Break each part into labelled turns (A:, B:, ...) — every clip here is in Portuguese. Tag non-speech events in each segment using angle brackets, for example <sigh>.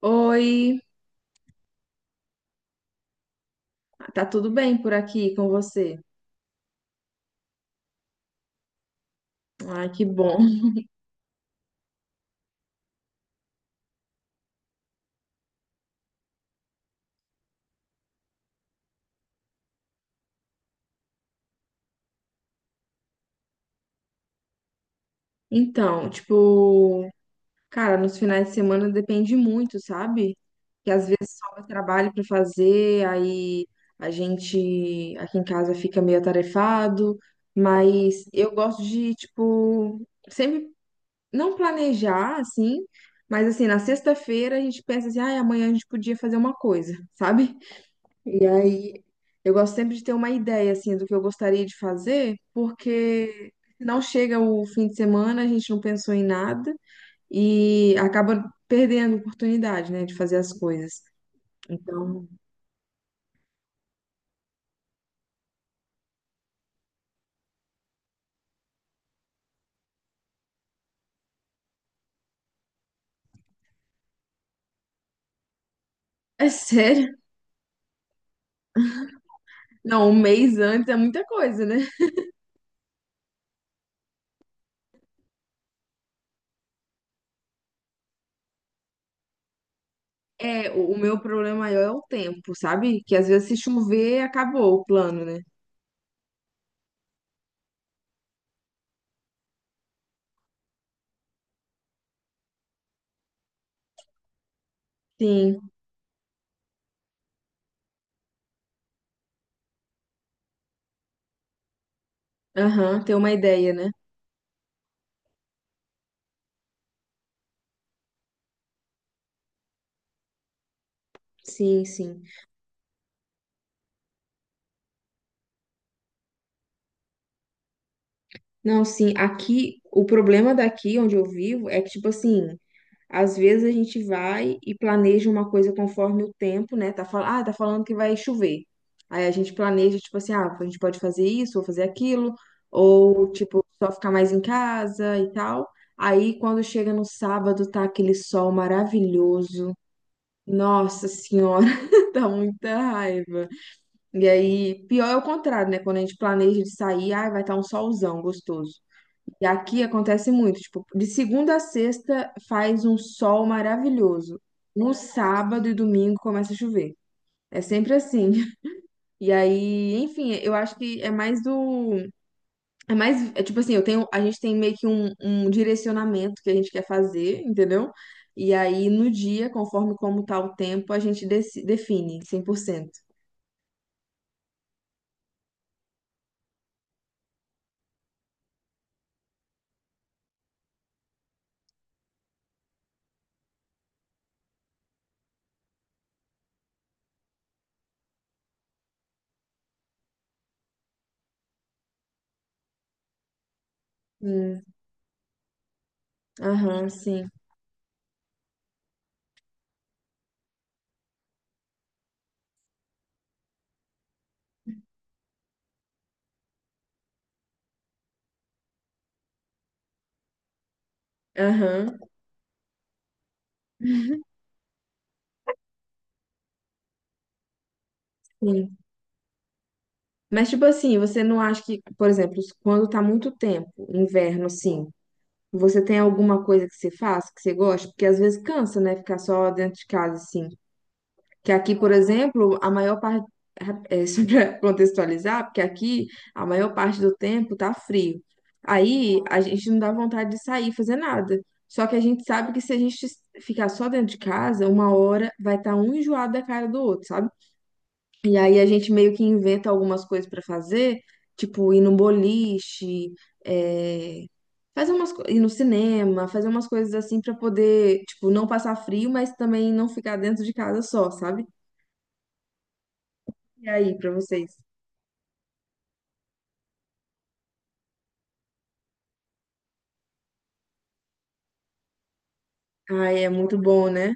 A: Oi, tá tudo bem por aqui com você? Ai, que bom. Então, tipo, cara, nos finais de semana depende muito, sabe? Sobra trabalho pra fazer, aí a gente aqui em casa fica meio atarefado, mas eu gosto de, tipo, sempre não planejar assim, mas assim, na sexta-feira a gente pensa assim, ai, amanhã a gente podia fazer uma coisa, sabe? E aí, eu gosto sempre de ter uma ideia, assim, do que eu gostaria de fazer, porque não chega o fim de semana, a gente não pensou em nada e acaba perdendo a oportunidade, né, de fazer as coisas. Então, <laughs> é sério. Não, um mês antes é muita coisa, né? É, o meu problema maior é o tempo, sabe? Que às vezes se chover, acabou o plano, né? Sim, aham, ter uma ideia, né? Sim, sim. Não, sim, aqui, o problema daqui onde eu vivo é que, tipo assim, às vezes a gente vai e planeja uma coisa conforme o tempo, né? Tá, ah, tá falando que vai chover. Aí a gente planeja, tipo assim, ah, a gente pode fazer isso ou fazer aquilo, ou tipo, só ficar mais em casa e tal. Aí quando chega no sábado, tá aquele sol maravilhoso. Nossa senhora, <laughs> dá muita raiva. E aí, pior é o contrário, né? Quando a gente planeja de sair, ah, vai estar um solzão gostoso. E aqui acontece muito, tipo, de segunda a sexta faz um sol maravilhoso. No sábado e domingo começa a chover. É sempre assim. <laughs> E aí, enfim, eu acho que é mais do. É mais. É tipo assim, eu tenho, a gente tem meio que um direcionamento que a gente quer fazer, entendeu? E aí, no dia, conforme como tá o tempo, a gente define 100%. Hum, aham, sim. Aham, sim. Mas, tipo assim, você não acha que, por exemplo, quando tá muito tempo, inverno, assim, você tem alguma coisa que você faz, que você gosta? Porque às vezes cansa, né? Ficar só dentro de casa, assim. Que aqui, por exemplo, a maior parte. É, <laughs> só para contextualizar, porque aqui a maior parte do tempo tá frio. Aí a gente não dá vontade de sair fazer nada. Só que a gente sabe que se a gente ficar só dentro de casa, uma hora vai estar um enjoado da cara do outro, sabe? E aí a gente meio que inventa algumas coisas pra fazer, tipo ir no boliche, é, fazer ir no cinema, fazer umas coisas assim pra poder, tipo, não passar frio, mas também não ficar dentro de casa só, sabe? E aí, pra vocês? Ai, é muito bom, né?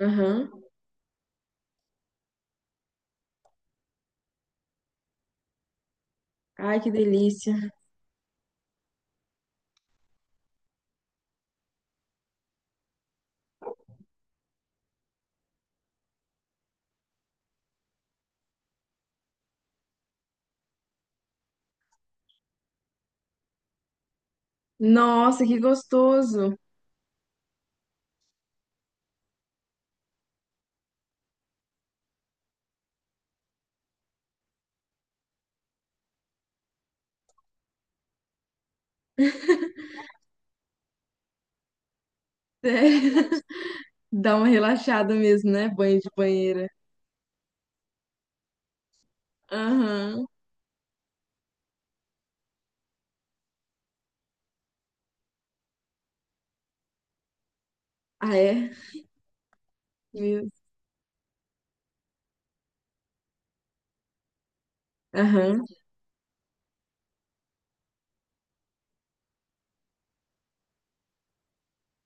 A: Aham. Ai, que delícia. Nossa, que gostoso. Sério. <laughs> Dá uma relaxada mesmo, né? Banho de banheira. Aham. Ah, é? Meu. Aham.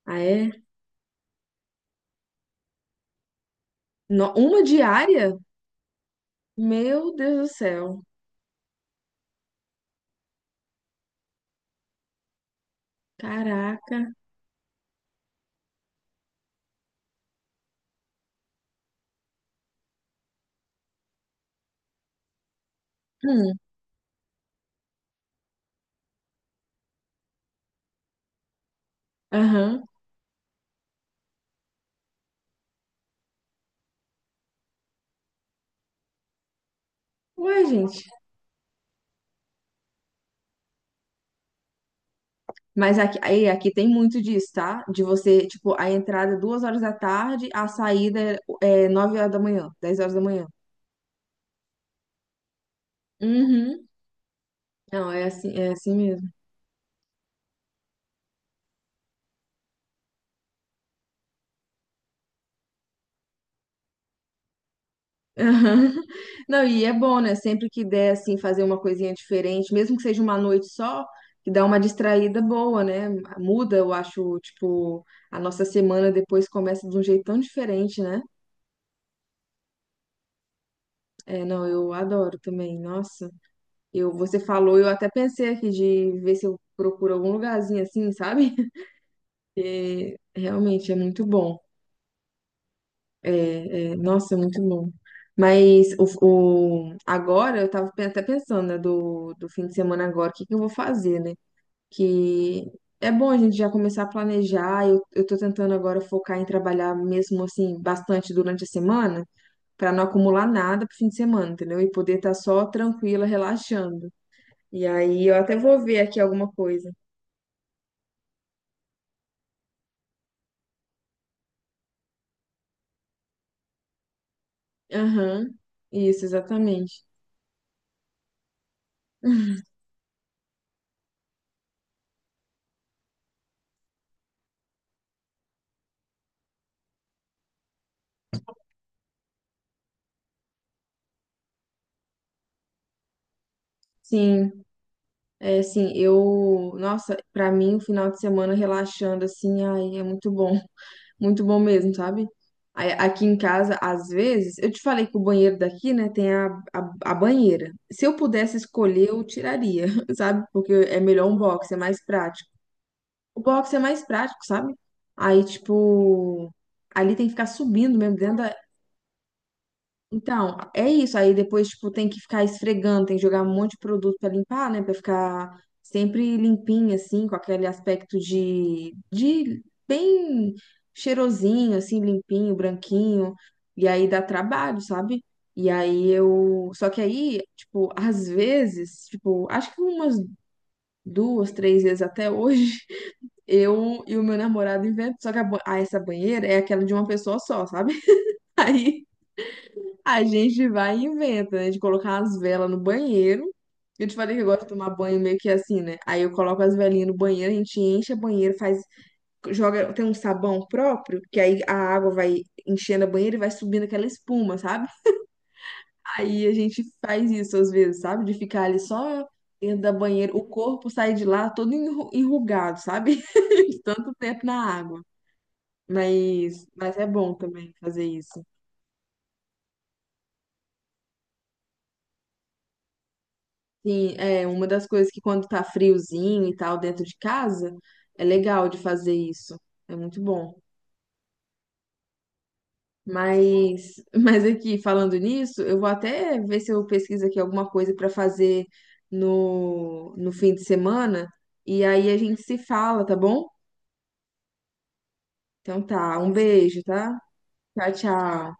A: Ah, é? Uma diária? Meu Deus do céu. Caraca. Hum, aham. Ué, gente. Mas aqui, aí, aqui tem muito disso, tá? De você, tipo, a entrada é duas horas da tarde, a saída é nove horas da manhã, dez horas da manhã. Uhum. Não, é assim mesmo. Aham. <laughs> Não, e é bom, né? Sempre que der, assim, fazer uma coisinha diferente, mesmo que seja uma noite só, que dá uma distraída boa, né? Muda, eu acho, tipo, a nossa semana depois começa de um jeito tão diferente, né? É, não, eu adoro também. Nossa, eu, você falou, eu até pensei aqui de ver se eu procuro algum lugarzinho assim, sabe? <laughs> Porque realmente é muito bom. É, é, nossa, é muito bom. Mas agora eu tava até pensando, né, do fim de semana agora, o que que eu vou fazer, né? Que é bom a gente já começar a planejar. Eu tô tentando agora focar em trabalhar mesmo assim bastante durante a semana. Pra não acumular nada pro fim de semana, entendeu? E poder estar só tranquila, relaxando. E aí eu até vou ver aqui alguma coisa. Aham, isso, exatamente. <laughs> Sim, é assim, eu, nossa, pra mim o final de semana relaxando assim, ai, é muito bom, <laughs> muito bom mesmo, sabe? Aí, aqui em casa, às vezes, eu te falei que o banheiro daqui, né, tem a banheira. Se eu pudesse escolher, eu tiraria, <laughs> sabe? Porque é melhor um box, é mais prático. O box é mais prático, sabe? Aí, tipo, ali tem que ficar subindo mesmo dentro da, então, é isso. Aí depois, tipo, tem que ficar esfregando, tem que jogar um monte de produto pra limpar, né? Pra ficar sempre limpinho, assim, com aquele aspecto de bem cheirosinho, assim, limpinho, branquinho. E aí dá trabalho, sabe? E aí eu. Só que aí, tipo, às vezes, tipo, acho que umas duas, três vezes até hoje, <laughs> eu e o meu namorado inventam. Só que ah, essa banheira é aquela de uma pessoa só, sabe? <laughs> Aí. A gente vai e inventa, né? De colocar as velas no banheiro. Eu te falei que eu gosto de tomar banho meio que assim, né? Aí eu coloco as velinhas no banheiro, a gente enche a banheira, faz, joga, tem um sabão próprio, que aí a água vai enchendo a banheira e vai subindo aquela espuma, sabe? Aí a gente faz isso às vezes, sabe? De ficar ali só dentro da banheira, o corpo sai de lá todo enrugado, sabe? <laughs> De tanto tempo na água. Mas é bom também fazer isso. Sim, é uma das coisas que quando tá friozinho e tal dentro de casa, é legal de fazer isso. É muito bom. Mas, <laughs> mas aqui, falando nisso, eu vou até ver se eu pesquiso aqui alguma coisa para fazer no, no fim de semana. E aí a gente se fala, tá bom? Então tá, um beijo, tá? Tchau, tchau.